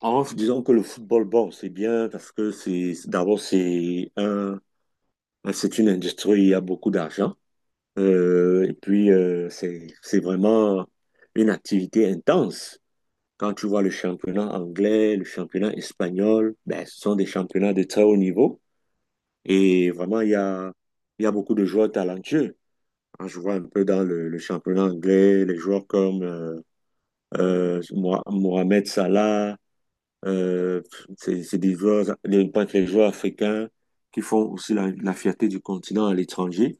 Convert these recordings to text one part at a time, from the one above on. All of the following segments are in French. En disant que le football, bon, c'est bien parce que d'abord c'est c'est une industrie, où il y a beaucoup d'argent. Et puis c'est vraiment une activité intense. Quand tu vois le championnat anglais, le championnat espagnol, ben, ce sont des championnats de très haut niveau. Et vraiment, il y a beaucoup de joueurs talentueux. Quand je vois un peu dans le championnat anglais, les joueurs comme Mohamed Salah. Euh, c'est des joueurs, pas que les joueurs africains qui font aussi la fierté du continent à l'étranger.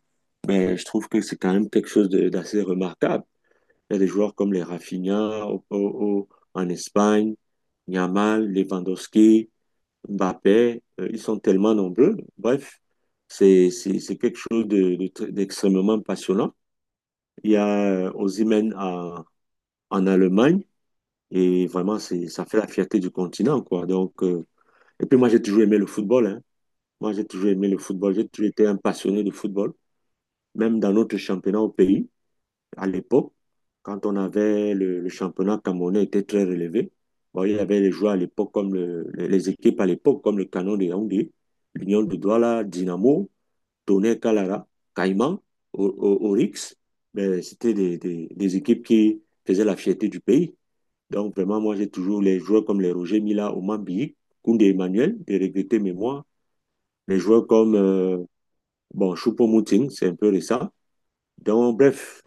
Mais je trouve que c'est quand même quelque chose d'assez remarquable. Il y a des joueurs comme les Rafinha en Espagne, Yamal, Lewandowski, Mbappé, ils sont tellement nombreux. Bref, c'est quelque chose d'extrêmement passionnant. Il y a Osimhen en Allemagne et vraiment, c'est, ça fait la fierté du continent, quoi. Et puis moi, j'ai toujours aimé le football, hein. Moi, j'ai toujours aimé le football. J'ai toujours été un passionné de football. Même dans notre championnat au pays, à l'époque, quand on avait le championnat camerounais était très relevé. Bon, il y avait les joueurs à l'époque comme les équipes à l'époque comme le Canon de Yaoundé, l'Union de Douala, Dynamo, Tonnerre Kalara, Caïman, Oryx. Ben, c'était des équipes qui faisaient la fierté du pays. Donc vraiment, moi, j'ai toujours les joueurs comme les Roger Mila, Oman Biik, Koundé Emmanuel, de regretter mémoire, les joueurs comme bon, Choupo-Moting, c'est un peu récent. Donc, bref,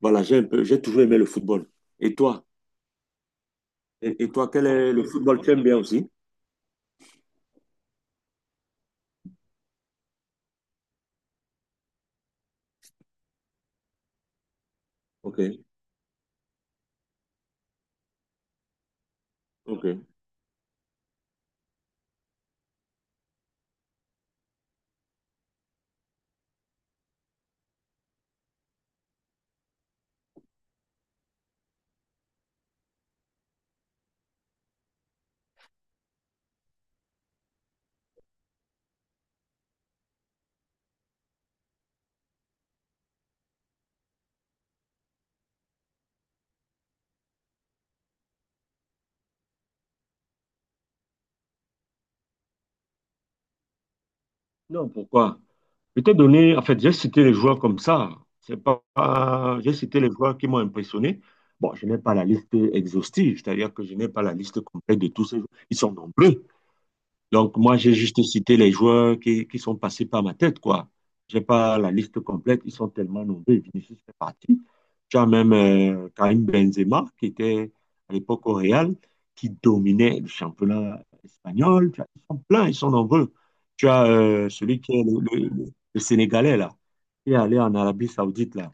voilà, j'ai un peu, j'ai toujours aimé le football. Et toi? Et toi, quel est le football que tu aimes bien aussi? Ok, ok. Non, pourquoi? Je t'ai donné, en fait, j'ai cité les joueurs comme ça. C'est pas, pas- J'ai cité les joueurs qui m'ont impressionné. Bon, je n'ai pas la liste exhaustive, c'est-à-dire que je n'ai pas la liste complète de tous ces joueurs. Ils sont nombreux. Donc, moi, j'ai juste cité les joueurs qui sont passés par ma tête, quoi. J'ai pas la liste complète, ils sont tellement nombreux. Vinicius fait partie. Tu as même Karim Benzema, qui était à l'époque au Real, qui dominait le championnat espagnol. Ils sont pleins, ils sont nombreux. Tu as celui qui est le Sénégalais, là, qui est allé en Arabie Saoudite, là.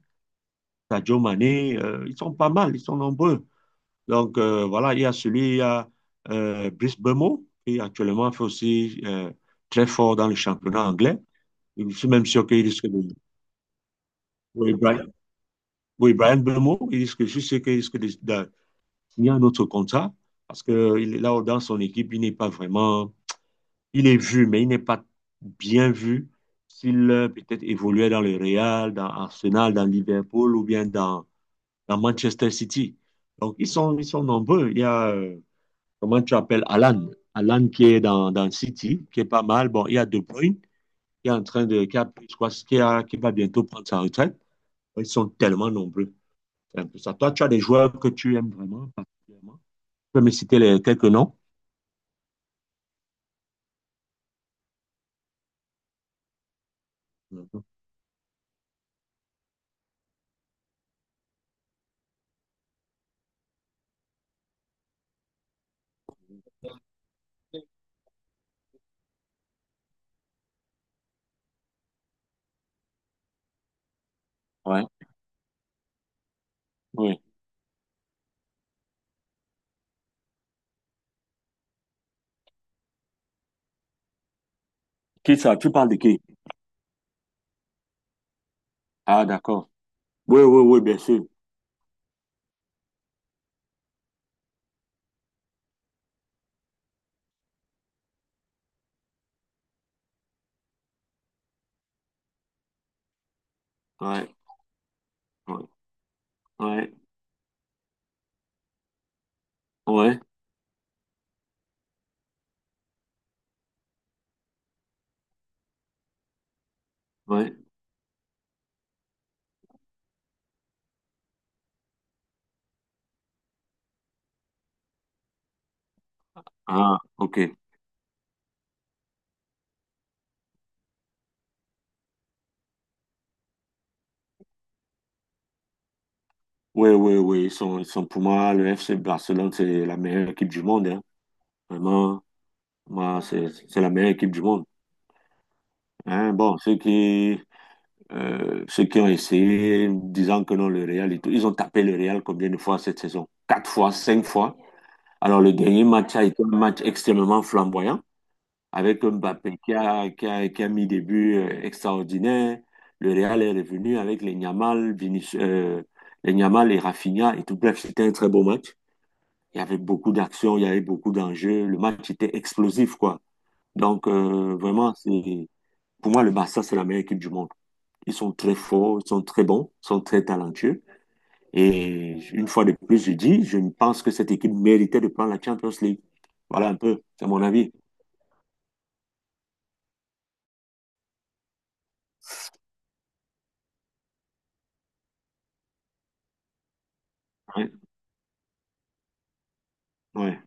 Sadio Mané, ils sont pas mal, ils sont nombreux. Donc, voilà, il y a celui, il y a Brice Bemo, qui actuellement fait aussi très fort dans le championnat anglais. Je suis même sûr qu'il risque de... Oui, Brian, oui, Brian Bemo, il risque, je suis sûr qu'il risque de signer un autre contrat, parce que il est là, dans son équipe, il n'est pas vraiment... Il est vu, mais il n'est pas bien vu s'il peut-être évoluait dans le Real, dans Arsenal, dans Liverpool ou bien dans Manchester City. Donc, ils sont nombreux. Il y a... comment tu appelles Alan? Alan qui est dans City, qui est pas mal. Bon, il y a De Bruyne qui est en train de, qui va bientôt prendre sa retraite. Ils sont tellement nombreux. C'est un peu ça. Toi, tu as des joueurs que tu aimes vraiment particulièrement. Tu peux me citer quelques noms? Ouais, oui. Qui ça? Tu parles de qui? Ah, d'accord. Oui, oui, oui, bien sûr. Ouais, ouais, ouais, ouais, ouais. Ah, ok. Oui, oui, oui. Ils sont pour moi, le FC Barcelone, c'est la meilleure équipe du monde, hein. Vraiment, bah, c'est la meilleure équipe du monde. Hein, bon, ceux qui ont essayé, disant que non, le Real, et tout, ils ont tapé le Real combien de fois cette saison? Quatre fois, cinq fois. Alors, le dernier match a été un match extrêmement flamboyant, avec un Mbappé qui a qui a mis des buts extraordinaires. Le Real est revenu avec les les Yamal et Rafinha et tout. Bref, c'était un très beau match. Il y avait beaucoup d'actions, il y avait beaucoup d'enjeux. Le match était explosif, quoi. Donc, vraiment, c'est... Pour moi, le Barça, c'est la meilleure équipe du monde. Ils sont très forts, ils sont très bons, ils sont très talentueux. Et une fois de plus, je dis, je pense que cette équipe méritait de prendre la Champions League. Voilà un peu, c'est mon avis. Ouais, ouais,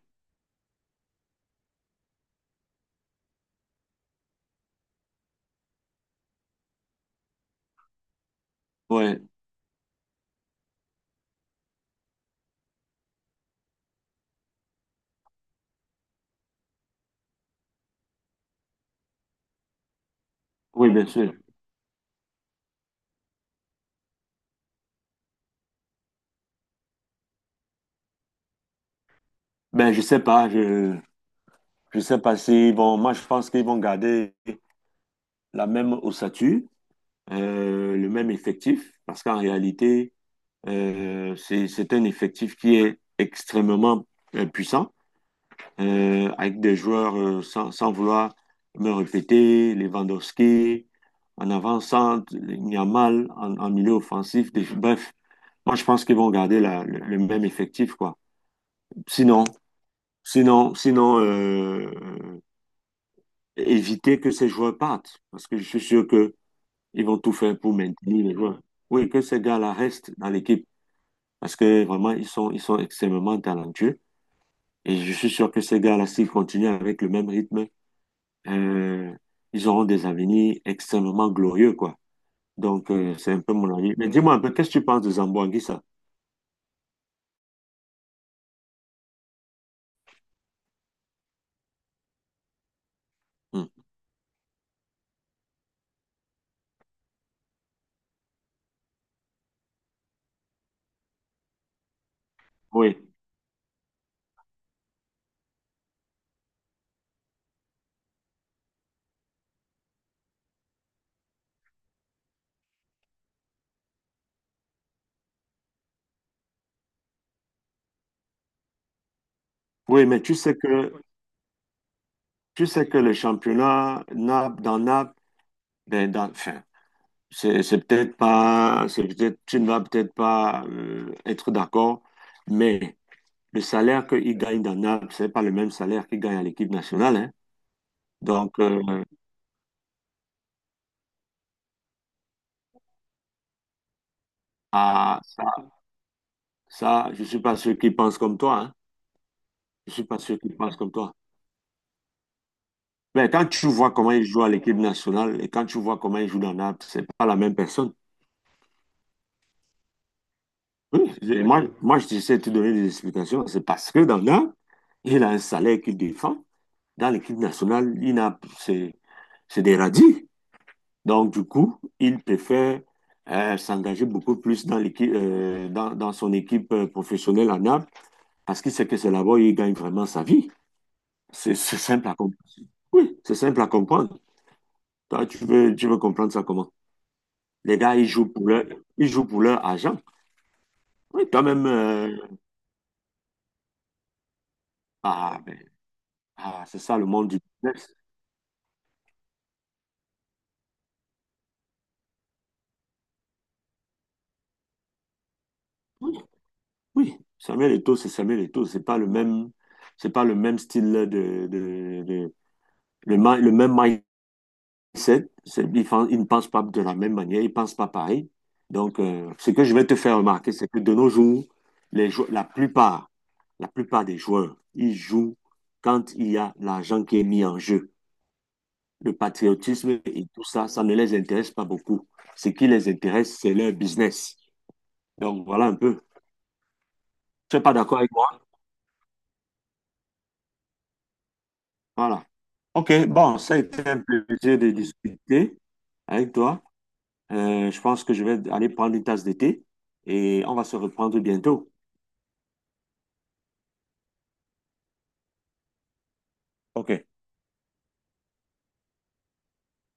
ouais. Oui, bien sûr. Ben, je sais pas s'ils vont, moi, je pense qu'ils vont garder la même ossature, le même effectif, parce qu'en réalité, c'est un effectif qui est extrêmement puissant, avec des joueurs sans vouloir me répéter, Lewandowski, en avant-centre, Yamal en milieu offensif. Bref, moi je pense qu'ils vont garder le même effectif, quoi. Sinon, sinon éviter que ces joueurs partent, parce que je suis sûr que ils vont tout faire pour maintenir les joueurs. Oui, que ces gars-là restent dans l'équipe, parce que vraiment, ils sont extrêmement talentueux. Et je suis sûr que ces gars-là, s'ils continuent avec le même rythme, euh, ils auront des avenirs extrêmement glorieux, quoi. Donc, c'est un peu mon avis. Mais dis-moi un peu, qu'est-ce que tu penses de Zamboanguissa? Hmm. Oui, oui, mais tu sais que le championnat Naples, dans Naples, ben, dans, enfin, c'est peut-être pas, c'est peut-être, tu ne vas peut-être pas être d'accord, mais le salaire qu'il gagne dans Naples, c'est pas le même salaire qu'il gagne à l'équipe nationale, hein. Donc, ah, ça, je suis pas sûr qu'ils pensent comme toi, hein. Je suis pas sûr qu'ils pensent comme toi. Mais quand tu vois comment il joue à l'équipe nationale et quand tu vois comment il joue dans Naples, c'est pas la même personne. Oui, moi, je sais te donner des explications. C'est parce que dans Naples, il a un salaire qu'il défend. Dans l'équipe nationale, il n'a, c'est des radis. Donc, du coup, il préfère s'engager beaucoup plus dans l'équipe, dans son équipe professionnelle à Naples parce qu'il sait que c'est là-bas où il gagne vraiment sa vie. C'est simple à comprendre. Oui, c'est simple à comprendre. Toi, tu veux comprendre ça comment? Les gars, ils jouent pour leur argent. Oui, quand même. Ben, ah, c'est ça le monde du business. Oui, oui. Samuel Eto'o. C'est pas le même, c'est pas le même style de, le même mindset. Ils ne pensent pas de la même manière. Ils pensent pas pareil. Donc, ce que je vais te faire remarquer, c'est que de nos jours, les jou- la plupart des joueurs, ils jouent quand il y a l'argent qui est mis en jeu. Le patriotisme et tout ça, ça ne les intéresse pas beaucoup. Ce qui les intéresse, c'est leur business. Donc voilà un peu. Tu n'es pas d'accord avec moi? Voilà. OK, bon, ça a été un plaisir de discuter avec toi. Je pense que je vais aller prendre une tasse de thé et on va se reprendre bientôt. OK.